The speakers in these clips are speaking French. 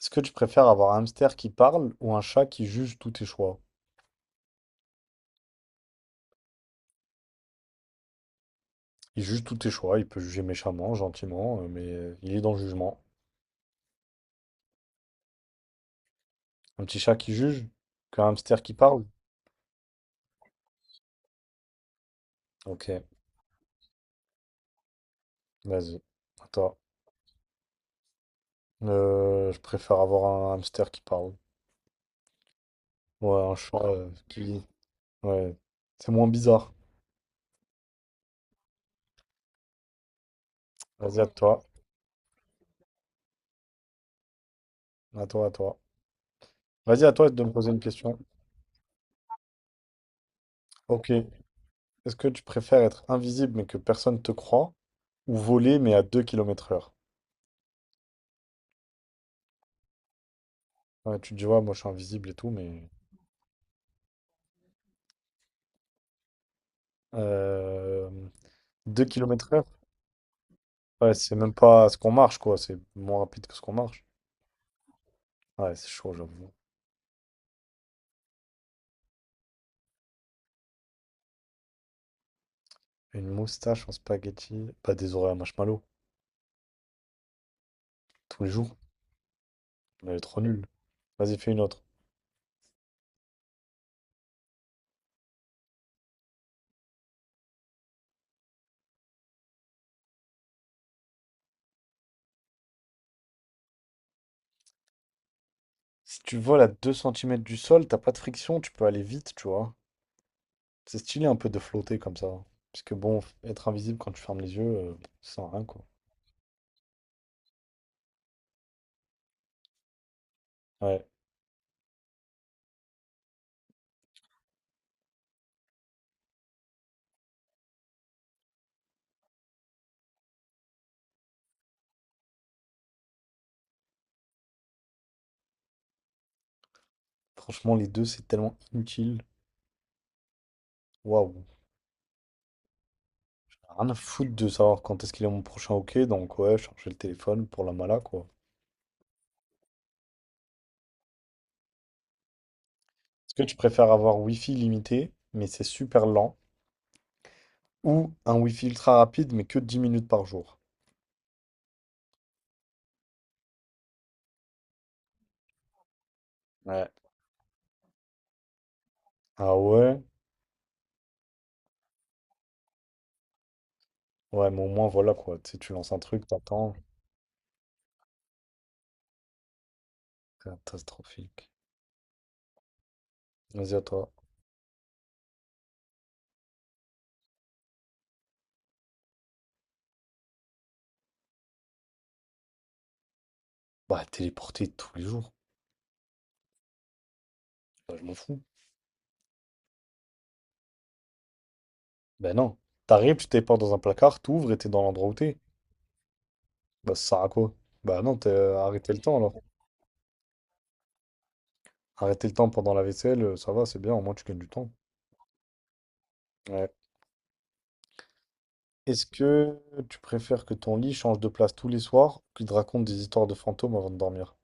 Est-ce que tu préfères avoir un hamster qui parle ou un chat qui juge tous tes choix? Il juge tous tes choix, il peut juger méchamment, gentiment, mais il est dans le jugement. Un petit chat qui juge qu'un hamster qui parle? Ok, vas-y. Attends. Je préfère avoir un hamster qui parle. Ouais, un chat qui... Ouais, c'est moins bizarre. Vas-y, à toi. À toi, à toi. Vas-y, à toi de me poser une question. Ok. Est-ce que tu préfères être invisible mais que personne te croit ou voler mais à 2 km/h? Ouais, tu vois, moi je suis invisible et tout, mais. Euh... 2 km/h heure? Ouais, c'est même pas ce qu'on marche, quoi. C'est moins rapide que ce qu'on marche. Ouais, c'est chaud, j'avoue. Une moustache en spaghetti. Pas des oreilles à marshmallow. Tous les jours. Elle est trop nulle. Vas-y, fais une autre. Si tu voles à 2 cm du sol, t'as pas de friction, tu peux aller vite, tu vois. C'est stylé un peu de flotter comme ça, hein. Parce que bon, être invisible quand tu fermes les yeux, ça sert à rien, quoi. Ouais. Franchement, les deux, c'est tellement inutile. Waouh. Rien à foutre de savoir quand est-ce qu'il est mon prochain hockey, donc ouais, charger le téléphone pour la mala, quoi. Est-ce que tu préfères avoir Wi-Fi limité, mais c'est super lent, ou un Wi-Fi ultra rapide, mais que 10 minutes par jour? Ouais. Ah ouais? Ouais, mais au moins, voilà, quoi. Tu sais, tu lances un truc, t'attends. Catastrophique. Vas-y, à toi. Bah, téléporter tous les jours. Bah, je m'en fous. Bah non. T'arrives, tu téléportes dans un placard, t'ouvres et t'es dans l'endroit où t'es. Bah, ça sert à quoi? Bah non, t'as arrêté le temps, alors. Arrêter le temps pendant la vaisselle, ça va, c'est bien, au moins tu gagnes du temps. Ouais. Est-ce que tu préfères que ton lit change de place tous les soirs ou qu'il te raconte des histoires de fantômes avant de dormir?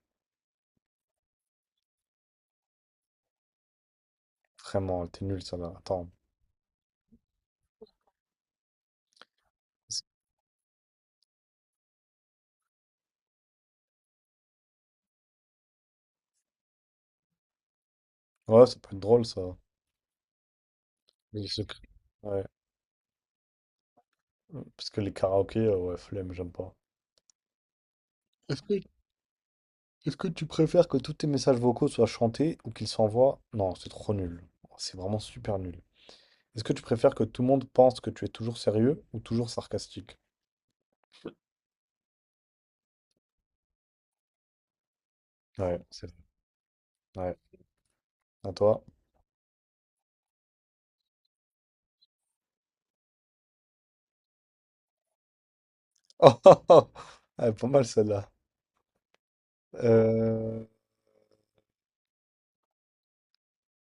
Vraiment, t'es nul ça là. Attends. Ouais, ça peut être drôle ça. Les secrets. Ouais. Parce que les karaokés, ouais, flemme, j'aime pas. Est-ce que... Est-ce que tu préfères que tous tes messages vocaux soient chantés ou qu'ils s'envoient? Non, c'est trop nul. C'est vraiment super nul. Est-ce que tu préfères que tout le monde pense que tu es toujours sérieux ou toujours sarcastique? Ouais, c'est vrai. Ouais. À toi. Oh, pas mal celle-là. Euh,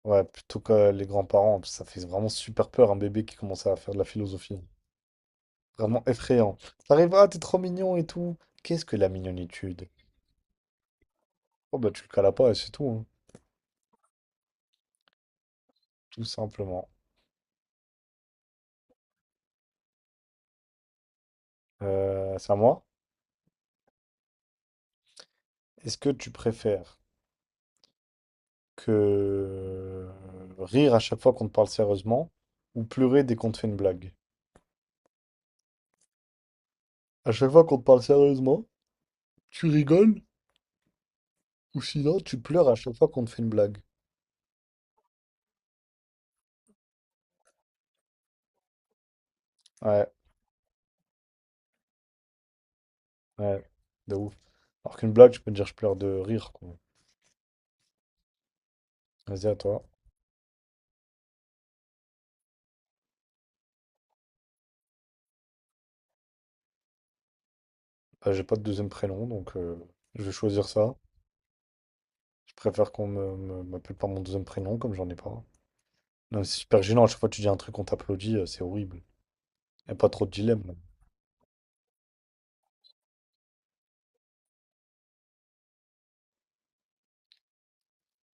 Ouais, plutôt que les grands-parents, parce que ça fait vraiment super peur un bébé qui commence à faire de la philosophie, hein. Vraiment effrayant. T'arrives, ah, t'es trop mignon et tout. Qu'est-ce que la mignonitude? Oh bah tu le cales pas et c'est tout, hein, tout simplement. C'est à moi. Est-ce que tu préfères que rire à chaque fois qu'on te parle sérieusement ou pleurer dès qu'on te fait une blague? À chaque fois qu'on te parle sérieusement, tu rigoles ou sinon tu pleures à chaque fois qu'on te fait une blague. Ouais, ouais, de ouf. Alors qu'une blague, je peux te dire je pleure de rire, quoi. Vas-y, à toi. Bah, j'ai pas de deuxième prénom, donc je vais choisir ça. Je préfère qu'on m'appelle par mon deuxième prénom, comme j'en ai pas. Non, mais c'est super gênant, à chaque fois que tu dis un truc, on t'applaudit, c'est horrible. Y a pas trop de dilemme, là.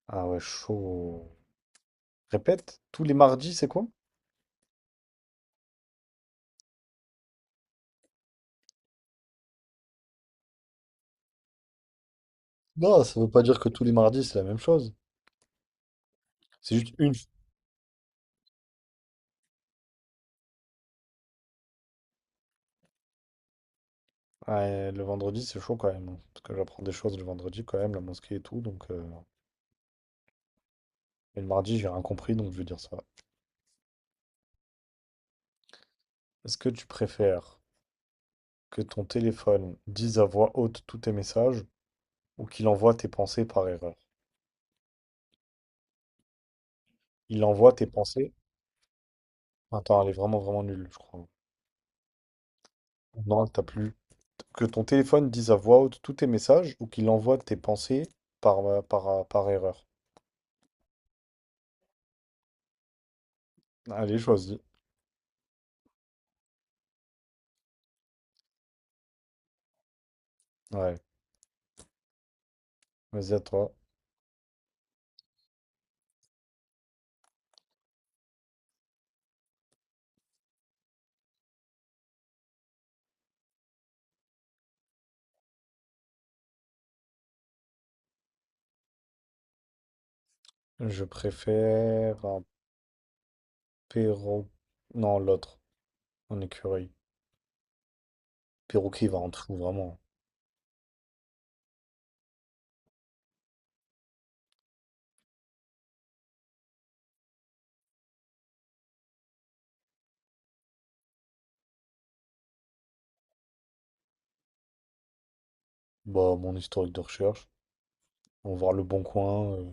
Ah ouais, chaud. Répète, tous les mardis, c'est quoi? Non, ça veut pas dire que tous les mardis, c'est la même chose. C'est juste une. Ouais, le vendredi, c'est chaud quand même, hein. Parce que j'apprends des choses le vendredi quand même, la mosquée et tout. Donc. Et le mardi, j'ai rien compris, donc je vais dire ça. Est-ce que tu préfères que ton téléphone dise à voix haute tous tes messages? Ou qu'il envoie tes pensées par erreur. Il envoie tes pensées. Attends, elle est vraiment, vraiment nulle, je crois. Non, t'as plus. Que ton téléphone dise à voix haute tous tes messages ou qu'il envoie tes pensées par erreur. Allez, choisis. Ouais, vas-y à toi. Je préfère un perro... Non, l'autre, un écureuil. Perroquet, il va rentrer où, vraiment? Bah, mon historique de recherche. On va voir le bon coin, euh,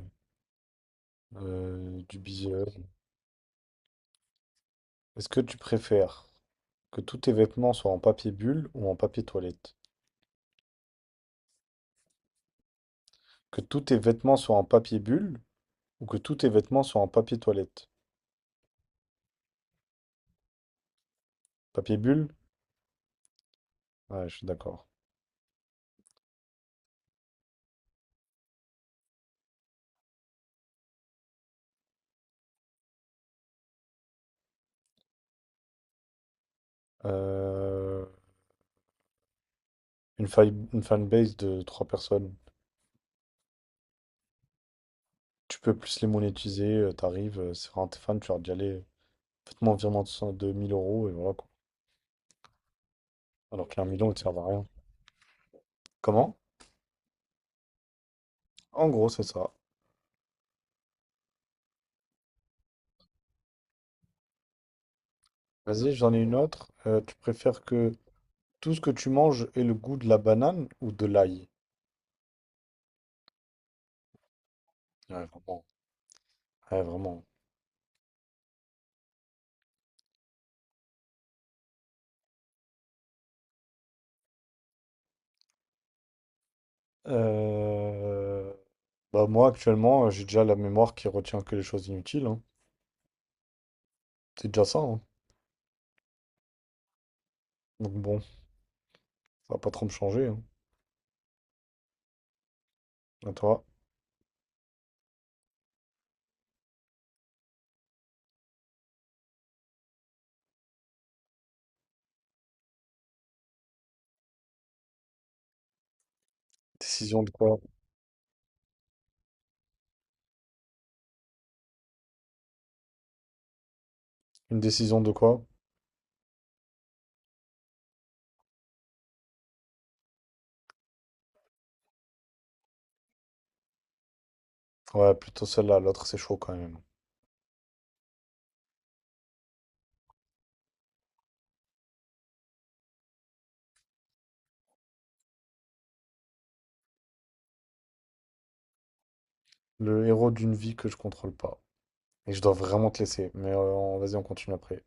euh, du biseur. Est-ce que tu préfères que tous tes vêtements soient en papier bulle ou en papier toilette? Que tous tes vêtements soient en papier bulle ou que tous tes vêtements soient en papier toilette? Papier bulle? Ouais, je suis d'accord. Euh, une fanbase de trois personnes. Tu peux plus les monétiser, t'arrives, c'est vraiment tes fans, tu leur dis allez, faites-moi un virement de 1000 euros et voilà quoi. Alors qu'un million, il te sert à rien. Comment? En gros, c'est ça. Vas-y, j'en ai une autre. Tu préfères que tout ce que tu manges ait le goût de la banane ou de l'ail? Ouais, vraiment. Ouais, vraiment. Euh, Bah moi actuellement j'ai déjà la mémoire qui retient que les choses inutiles, hein. C'est déjà ça, hein. Donc bon, ça va pas trop me changer, hein. À toi. Décision de quoi? Une décision de quoi? Ouais, plutôt celle-là, l'autre c'est chaud quand même. Le héros d'une vie que je contrôle pas. Et je dois vraiment te laisser, mais vas-y on continue après.